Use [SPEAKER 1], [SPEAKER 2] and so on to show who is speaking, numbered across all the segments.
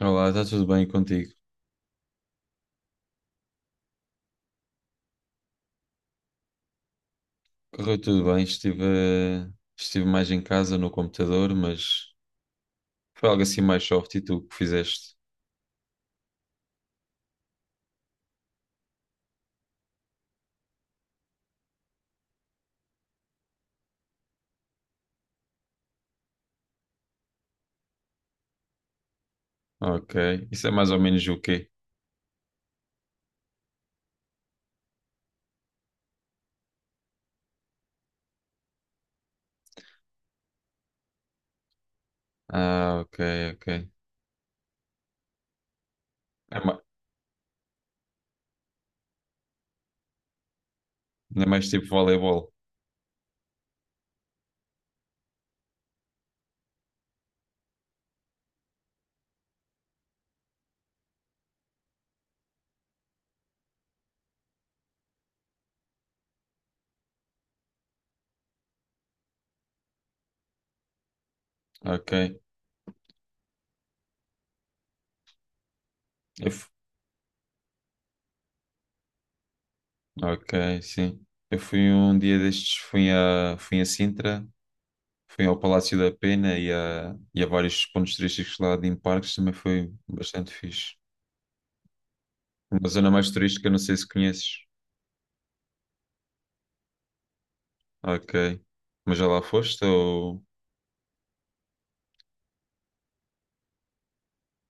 [SPEAKER 1] Olá, está tudo bem contigo? Correu tudo bem, estive, estive mais em casa no computador, mas foi algo assim mais soft e tu que fizeste. Ok, isso é mais ou menos o quê? Ah, ok, ok. É mais, é mais tipo voleibol. Ok, eu, fu- ok, sim. Eu fui um dia destes, fui a Sintra, fui ao Palácio da Pena e a vários pontos turísticos lá de em parques, também foi bastante fixe. Uma zona mais turística, não sei se conheces. Ok. Mas já lá foste ou...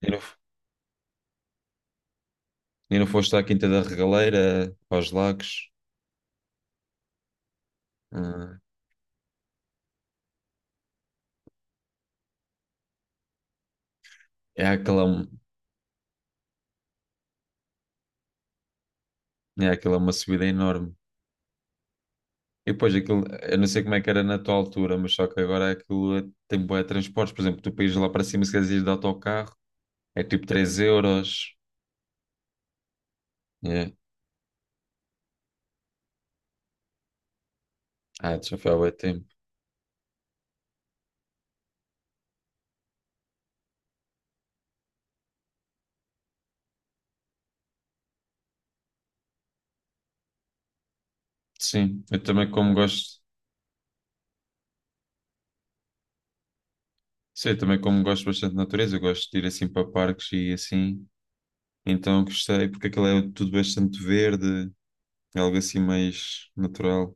[SPEAKER 1] E não, f- e não foste à Quinta da Regaleira, aos lagos? Ah, é aquela, é aquela uma subida enorme. E depois aquilo, eu não sei como é que era na tua altura, mas só que agora tem bué de transportes. Por exemplo, tu para ires lá para cima, se quiseres ir de autocarro, é tipo 3 euros. É. Ah, já foi há bué tempo. Sim, eu também como gosto, sim, eu também como gosto bastante de natureza, eu gosto de ir assim para parques e assim, então gostei, porque aquilo é tudo bastante verde, é algo assim mais natural.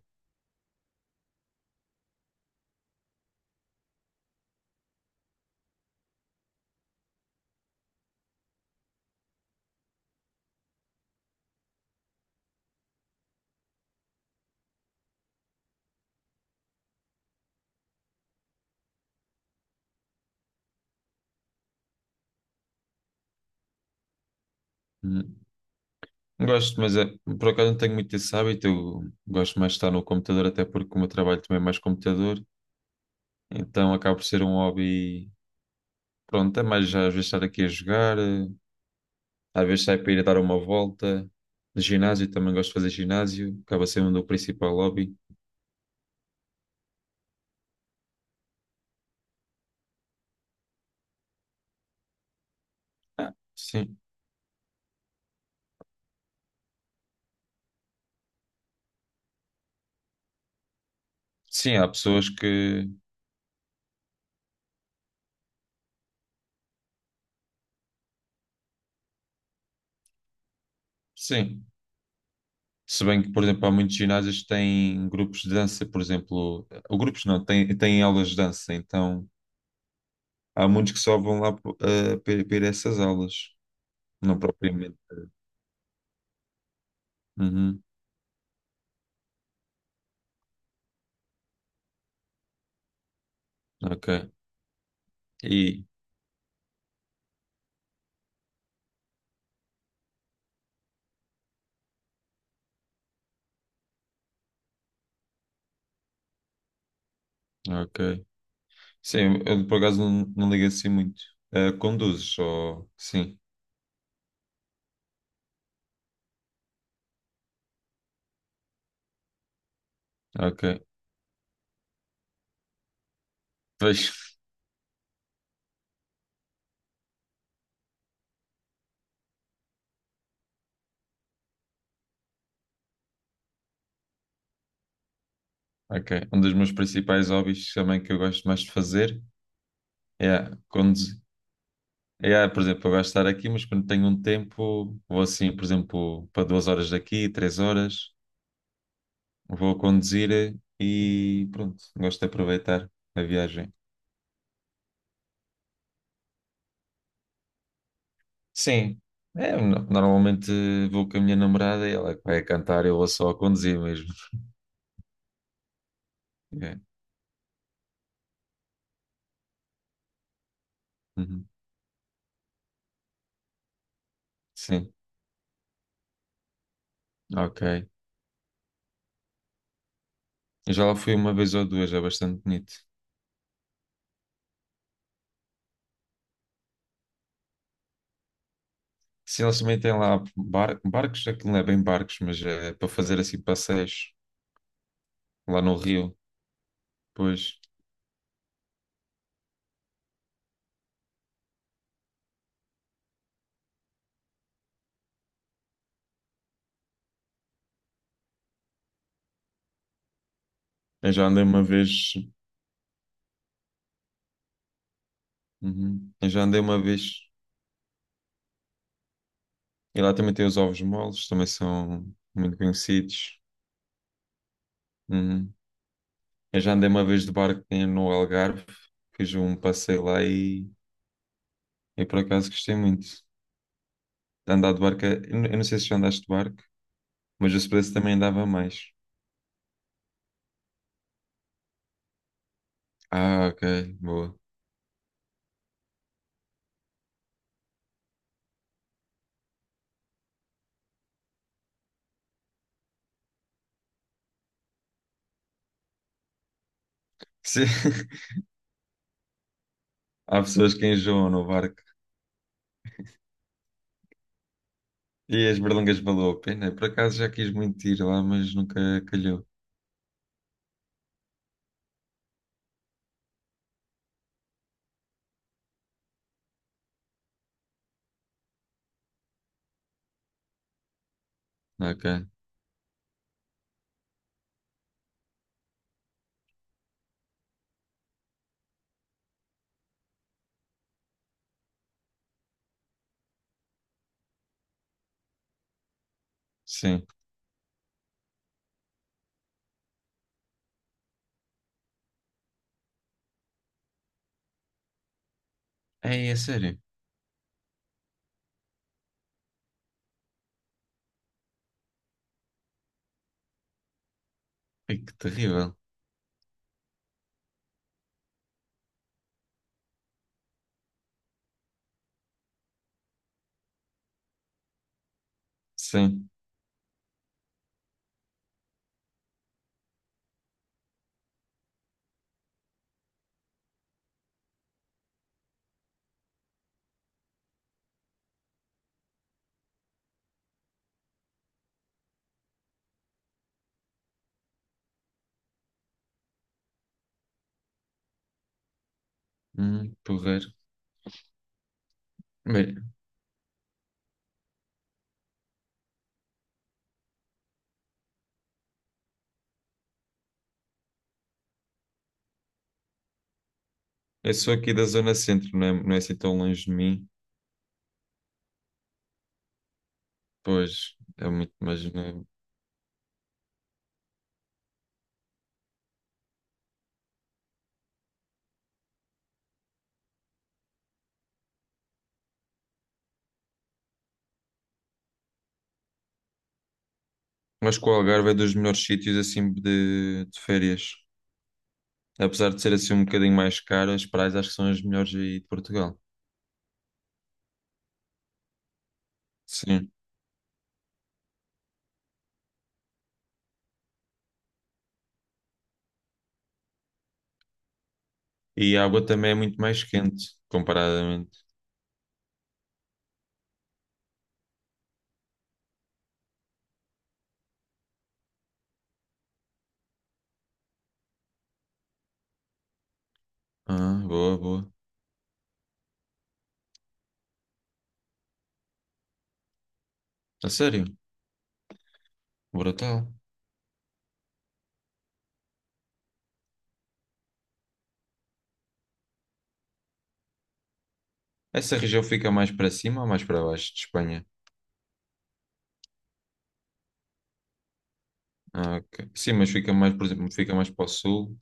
[SPEAKER 1] Hum. Gosto, mas é, por acaso não tenho muito esse hábito. Eu gosto mais de estar no computador, até porque o meu trabalho também é mais computador. Então acaba por ser um hobby. Pronto, é mais já às vezes estar aqui a jogar, às vezes sair para ir a dar uma volta. No ginásio, também gosto de fazer ginásio. Acaba sendo o meu principal hobby. Ah, sim. Sim, há pessoas que. Sim. Se bem que, por exemplo, há muitos ginásios que têm grupos de dança, por exemplo, ou grupos não, têm aulas de dança, então. Há muitos que só vão lá para essas aulas, não propriamente. Uhum, ok. E, ok. Sim, eu por acaso não ligo assim muito. Eh, conduzes só. Sim, ok. Vejo. Ok. Um dos meus principais hobbies também que eu gosto mais de fazer é conduzir. É, por exemplo, eu gosto de estar aqui, mas quando tenho um tempo, vou assim, por exemplo, para duas horas daqui, três horas, vou conduzir e pronto, gosto de aproveitar a viagem. Sim. É, normalmente vou com a minha namorada e ela é que vai a cantar, eu vou só a conduzir mesmo. É. Uhum. Sim, ok. Eu já lá fui uma vez ou duas, é bastante bonito. Sim, eles também têm lá barcos, aquilo não é bem barcos, mas é para fazer assim passeios lá no rio. Pois, eu já andei uma vez, uhum. Eu já andei uma vez. E lá também tem os ovos moles, também são muito conhecidos. Uhum. Eu já andei uma vez de barco no Algarve, fiz um passeio lá. Eu por acaso gostei muito de andar de barco. Eu não sei se já andaste de barco, mas o se também andava mais. Ah, ok, boa. Sim. Há pessoas que enjoam no barco. E as berlangas valeu a pena. Por acaso já quis muito ir lá, mas nunca calhou. Ok, sim. Ei, é sério. Ei, que terrível. Sim. Porreiro. Bem, eu sou aqui da zona centro, não é, não é assim tão longe de mim. Pois, é muito, mas não é. Mas que o Algarve é dos melhores sítios assim de férias. Apesar de ser assim um bocadinho mais caro, as praias acho que são as melhores aí de Portugal. Sim. E a água também é muito mais quente, comparadamente. Ah, boa, boa. A sério? Brutal. Essa região fica mais para cima ou mais para baixo de Espanha? Ah, ok. Sim, mas fica mais, por exemplo, fica mais para o sul.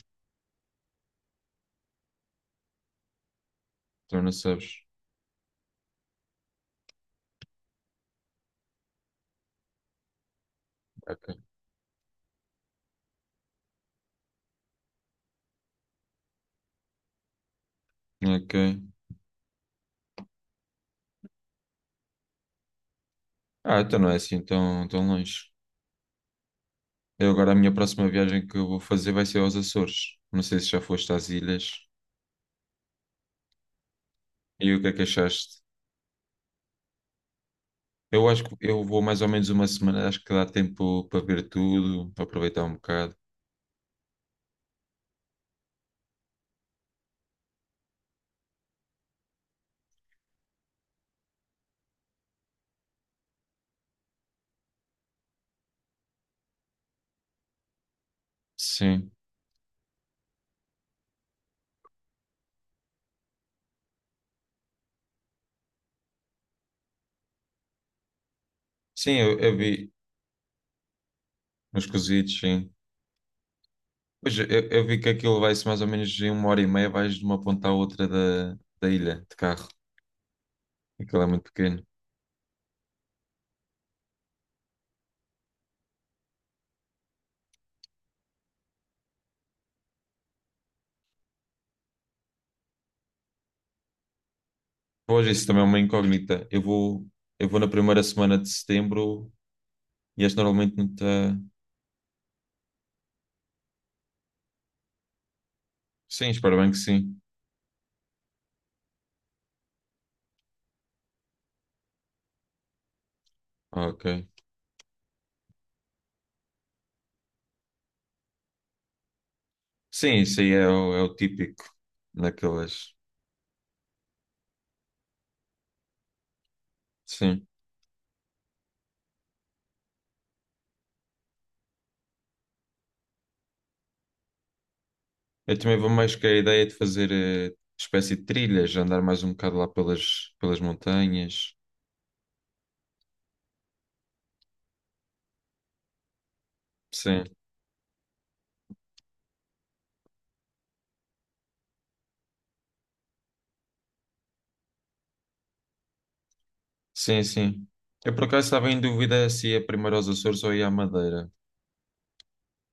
[SPEAKER 1] Tu não sabes. Ok. Ok. Ah, então não é assim tão, tão longe. Eu agora a minha próxima viagem que eu vou fazer vai ser aos Açores. Não sei se já foste às ilhas. E o que é que achaste? Eu acho que eu vou mais ou menos uma semana, acho que dá tempo para ver tudo, para aproveitar um bocado. Sim, sim, eu vi uns cozidos, sim. Mas eu vi que aquilo vai-se mais ou menos em uma hora e meia, vais de uma ponta à outra da ilha, de carro. Aquilo é muito pequeno. Pois, isso também é uma incógnita. Eu vou na primeira semana de setembro e este normalmente não está... Sim, espero bem que sim. Ok. Sim, isso aí é é o típico naquelas... Sim. Eu também vou mais com a ideia de fazer espécie de trilhas, andar mais um bocado lá pelas montanhas. Sim, sim. Eu por acaso estava em dúvida se ia primeiro aos Açores ou ia à Madeira.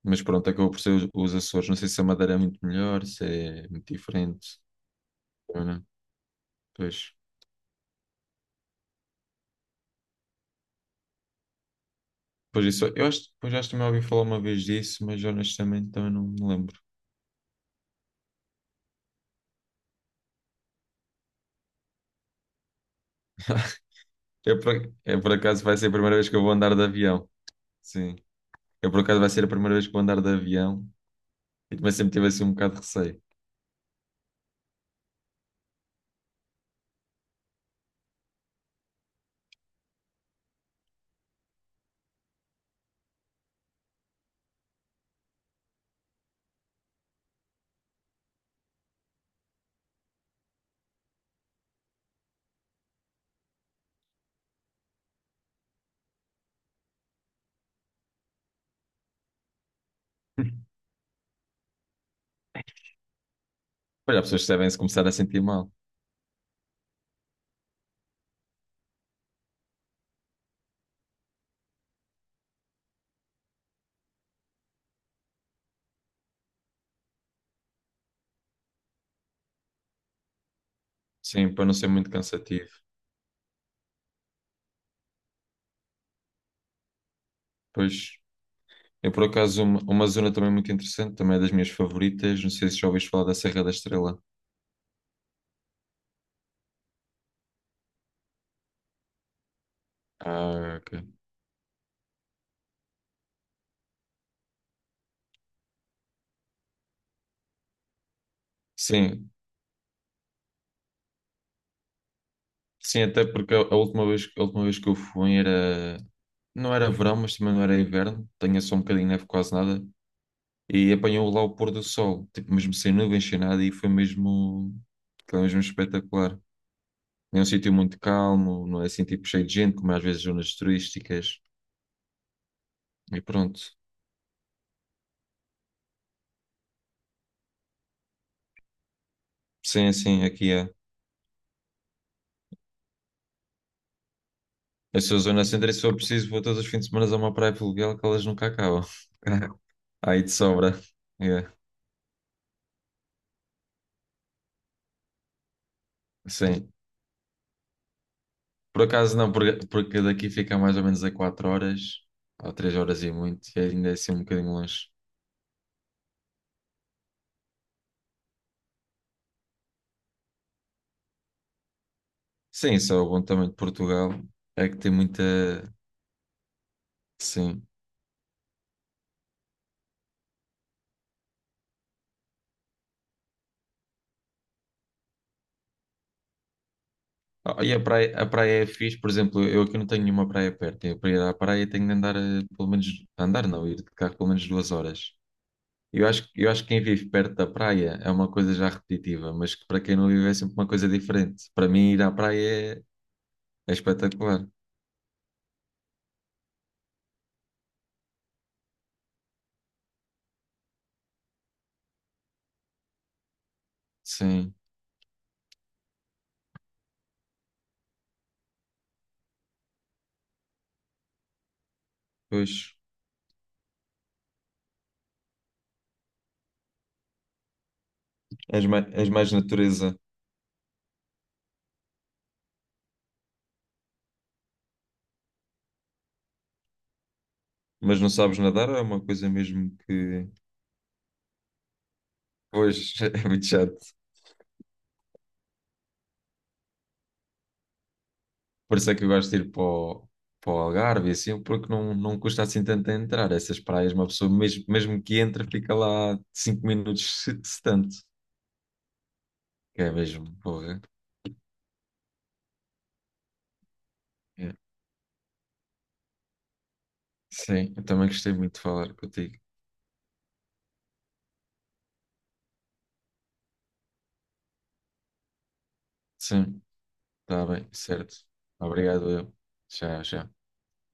[SPEAKER 1] Mas pronto, acabou por ser os Açores. Não sei se a Madeira é muito melhor, se é muito diferente, ou não. Pois, pois isso, eu acho, pois acho que também ouvi falar uma vez disso, mas honestamente também não me lembro. Eu por, é por acaso vai ser a primeira vez que eu vou andar de avião. Sim. Eu por acaso vai ser a primeira vez que vou andar de avião. E também sempre tive assim um bocado de receio. Olha, as pessoas devem se começar a sentir mal. Sim, para não ser muito cansativo. Pois, eu por acaso, uma zona também muito interessante, também é das minhas favoritas. Não sei se já ouviste falar da Serra da Estrela. Ah, ok. Sim, sim, até porque a última vez que eu fui era. Não era verão, mas também não era inverno. Tinha só um bocadinho de neve, quase nada. E apanhou lá o pôr do sol, tipo, mesmo sem nuvens, sem nada, e foi mesmo. Foi mesmo espetacular. É um sítio muito calmo, não é assim, tipo, cheio de gente, como é às vezes zonas turísticas. E pronto. Sim, aqui é. Eu sou zona centro e se for preciso, vou todos os fins de semana a uma praia fluvial que elas nunca acabam. Aí de sobra. É, sim. Por acaso não, porque, porque daqui fica mais ou menos a 4 horas, ou 3 horas e muito, e ainda é assim um bocadinho longe. Sim, só o bom também de Portugal é que tem muita. Sim. Ah, e a praia é fixe, por exemplo, eu aqui não tenho nenhuma praia perto. Eu para ir à praia tenho de andar pelo menos. Andar não, ir de carro pelo menos duas horas. Eu acho que quem vive perto da praia é uma coisa já repetitiva, mas que para quem não vive é sempre uma coisa diferente. Para mim, ir à praia é, é espetacular. Sim, pois. És mais natureza, mas não sabes nadar é uma coisa mesmo que. Pois, é muito chato. Por isso é que eu gosto de ir para o Algarve, e assim, porque não custa assim tanto a entrar. Essas praias, uma pessoa mesmo, mesmo que entra, fica lá cinco minutos, se tanto. Que é mesmo, porra. É. Sim, eu também gostei muito de falar contigo. Sim. Está bem, certo. Obrigado, eu. Tchau, tchau.